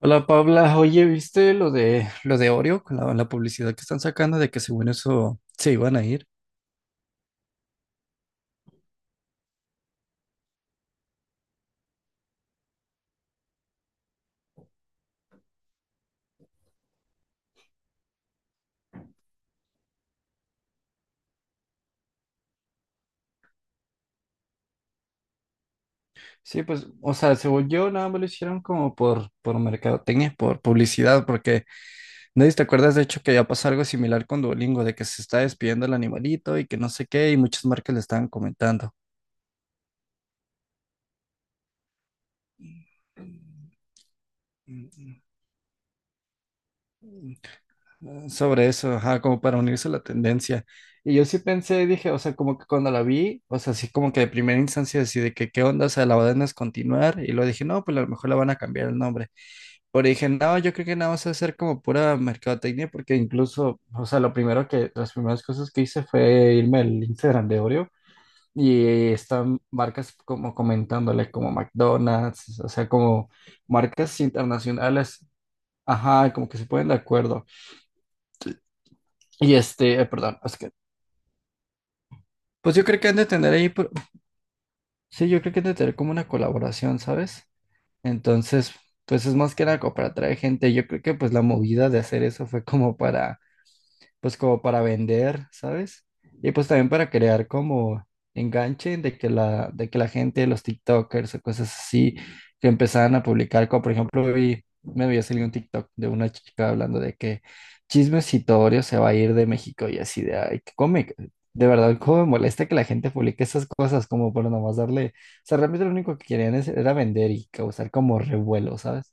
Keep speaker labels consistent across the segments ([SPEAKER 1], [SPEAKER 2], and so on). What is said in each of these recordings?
[SPEAKER 1] Hola Paula, oye, ¿viste lo de Oreo, con la publicidad que están sacando de que según eso se iban a ir? Sí, pues, o sea, según yo nada más lo hicieron como por mercadotecnia, por publicidad, porque nadie te acuerdas de hecho que ya pasó algo similar con Duolingo, de que se está despidiendo el animalito y que no sé qué, y muchas marcas le estaban comentando. Sobre eso, ajá, como para unirse a la tendencia. Y yo sí pensé, dije, o sea, como que cuando la vi, o sea, así como que de primera instancia, así de que qué onda, o sea, la van a continuar. Y luego dije, no, pues a lo mejor la van a cambiar el nombre. Pero dije, no, yo creo que nada más va a ser como pura mercadotecnia, porque incluso, o sea, lo primero que, las primeras cosas que hice fue irme al Instagram de Oreo. Y están marcas como comentándole, como McDonald's, o sea, como marcas internacionales, ajá, como que se ponen de acuerdo. Y este, perdón. Pues yo creo que han de tener ahí, sí, yo creo que han de tener como una colaboración, ¿sabes? Entonces, pues es más que nada como para atraer gente. Yo creo que pues la movida de hacer eso fue como para pues como para vender, ¿sabes? Y pues también para crear como enganche de que la gente, los TikTokers o cosas así, que empezaban a publicar, como por ejemplo vi, me había salido un TikTok de una chica hablando de que Chismecitorio se va a ir de México y así de, ay, que come. De verdad, cómo me molesta que la gente publique esas cosas como para nomás darle, o sea, realmente lo único que era vender y causar como revuelo, ¿sabes?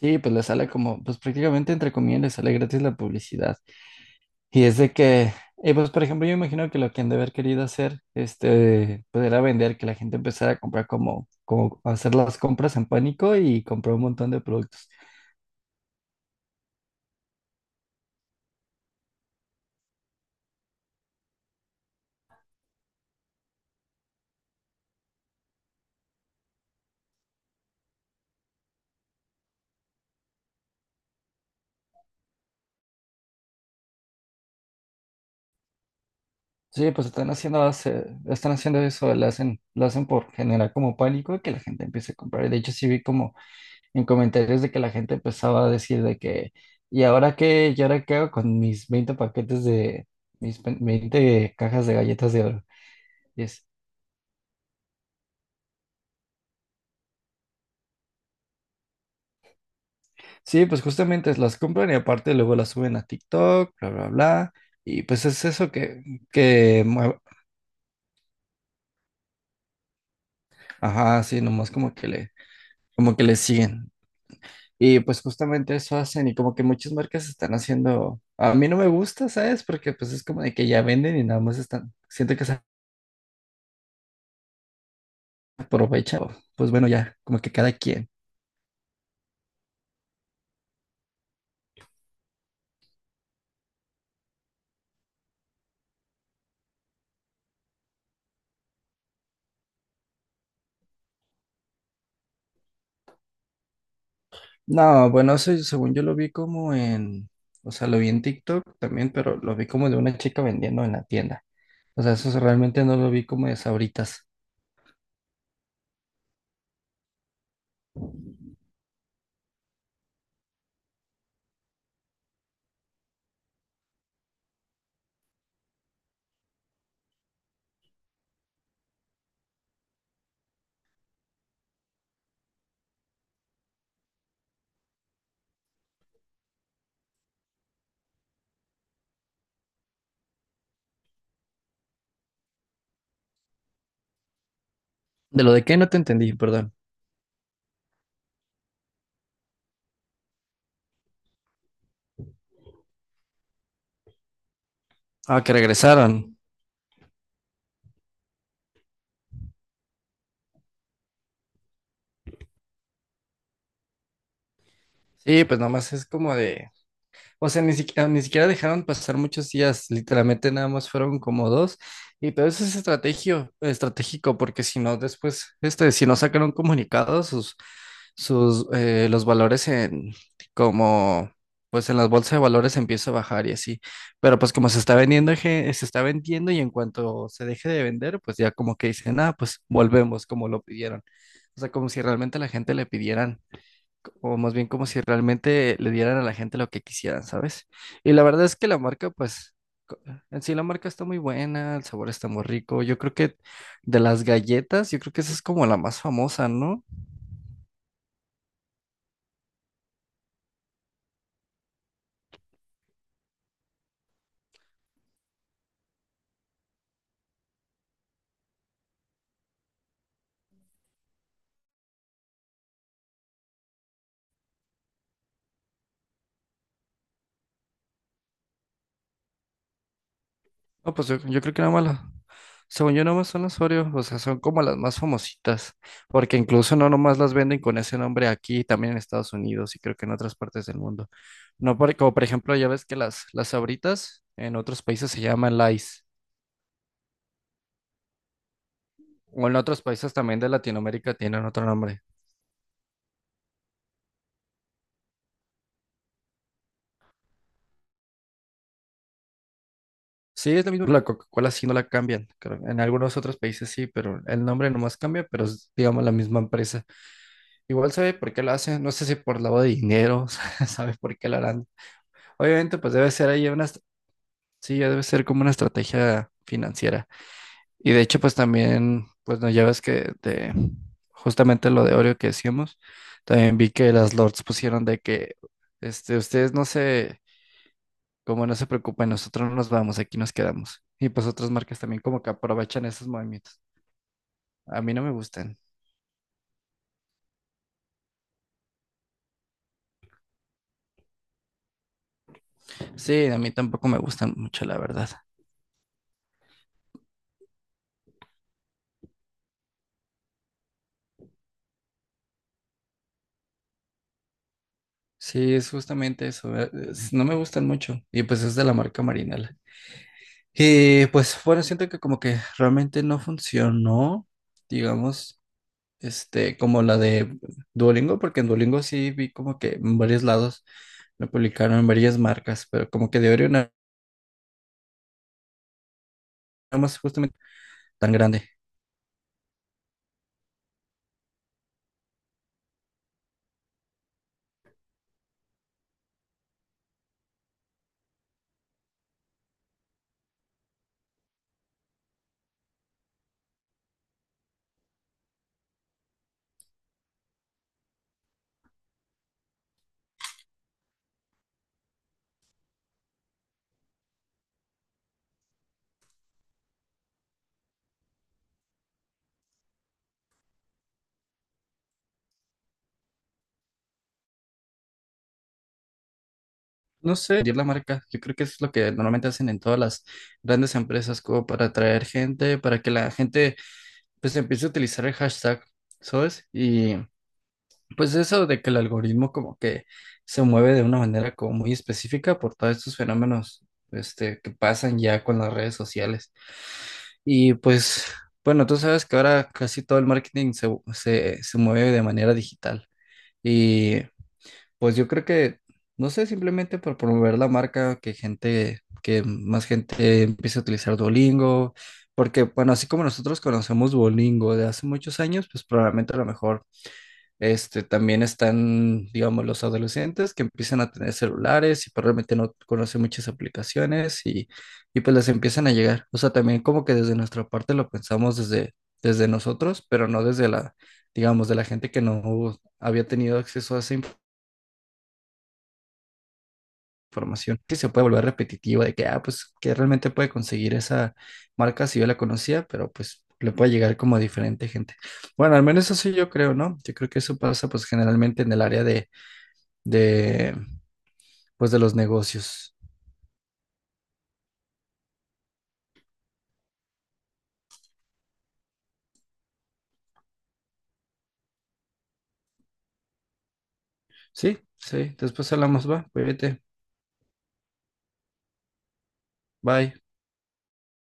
[SPEAKER 1] Sí, pues le sale como, pues prácticamente entre comillas le sale gratis la publicidad. Y es de que, pues por ejemplo, yo imagino que lo que han de haber querido hacer, este, pues era vender, que la gente empezara a comprar como hacer las compras en pánico y comprar un montón de productos. Sí, pues están están haciendo eso, lo hacen por generar como pánico y que la gente empiece a comprar. Y de hecho sí vi como en comentarios de que la gente empezaba a decir de que, ¿y ahora qué? ¿Y ahora qué hago con mis 20 paquetes de, mis 20 cajas de galletas de oro? Y es, Sí, pues justamente las compran y aparte luego las suben a TikTok, bla, bla, bla. Y pues es eso que, que, mue- ajá, sí, nomás como que como que le siguen. Y pues justamente eso hacen y como que muchas marcas están haciendo, a mí no me gusta, ¿sabes? Porque pues es como de que ya venden y nada más están, siento que se aprovechan. Pues bueno, ya, como que cada quien. No, bueno, eso según yo lo vi como en, o sea, lo vi en TikTok también, pero lo vi como de una chica vendiendo en la tienda. O sea, eso realmente no lo vi como de Sabritas. De lo de qué no te entendí, perdón. Ah, que regresaron. Sí, pues nomás es como de, o sea, ni siquiera dejaron pasar muchos días, literalmente nada más fueron como dos. Y todo eso es estratégico, porque si no, después, este, si no sacan un comunicado, los valores en, como, pues en las bolsas de valores empieza a bajar y así. Pero pues como se está vendiendo, se está vendiendo y en cuanto se deje de vender, pues ya como que dicen, ah, pues volvemos como lo pidieron. O sea, como si realmente la gente le pidieran o más bien como si realmente le dieran a la gente lo que quisieran, ¿sabes? Y la verdad es que la marca, pues, co- en sí la marca está muy buena, el sabor está muy rico. Yo creo que de las galletas, yo creo que esa es como la más famosa, ¿no? No, pues yo creo que nada más según yo, nada más son las Oreo, o sea, son como las más famositas, porque incluso no nomás las venden con ese nombre aquí, también en Estados Unidos y creo que en otras partes del mundo. No, por como por ejemplo, ya ves que las Sabritas en otros países se llaman Lays. O en otros países también de Latinoamérica tienen otro nombre. Sí, es lo mismo que la Coca-Cola, sí no la cambian, creo. En algunos otros países sí, pero el nombre nomás cambia, pero es, digamos, la misma empresa. Igual sabe por qué lo hacen, no sé si por lavado de dinero, sabe por qué lo harán. Obviamente, pues debe ser ahí una, sí, ya debe ser como una estrategia financiera. Y de hecho, pues también, pues no, ya ves que de, justamente lo de Oreo que decíamos, también vi que las Lords pusieron de que, este, ustedes no se, como no se preocupen, nosotros no nos vamos, aquí nos quedamos. Y pues otras marcas también como que aprovechan esos movimientos. A mí no me gustan. Sí, a mí tampoco me gustan mucho, la verdad. Sí, es justamente eso. No me gustan mucho. Y pues es de la marca Marinela. Y pues bueno, siento que como que realmente no funcionó, digamos, este, como la de Duolingo, porque en Duolingo sí vi como que en varios lados lo publicaron en varias marcas, pero como que de Oreo nada más justamente tan grande. No sé, dirigir la marca. Yo creo que es lo que normalmente hacen en todas las grandes empresas, como para atraer gente, para que la gente pues empiece a utilizar el hashtag, ¿sabes? Y pues eso de que el algoritmo como que se mueve de una manera como muy específica por todos estos fenómenos este, que pasan ya con las redes sociales. Y pues, bueno, tú sabes que ahora casi todo el marketing se mueve de manera digital. Y pues yo creo que, no sé, simplemente por promover la marca, que gente, que más gente empiece a utilizar Duolingo, porque bueno, así como nosotros conocemos Duolingo de hace muchos años, pues probablemente a lo mejor este, también están, digamos, los adolescentes que empiezan a tener celulares y probablemente no conocen muchas aplicaciones y pues les empiezan a llegar. O sea, también como que desde nuestra parte lo pensamos desde, desde nosotros, pero no desde la, digamos, de la gente que no había tenido acceso a esa información que se puede volver repetitiva de que, ah, pues que realmente puede conseguir esa marca si yo la conocía, pero pues le puede llegar como a diferente gente. Bueno, al menos eso sí yo creo, ¿no? Yo creo que eso pasa pues generalmente en el área de pues de los negocios. Sí, sí, después hablamos, va, cuídate, bye.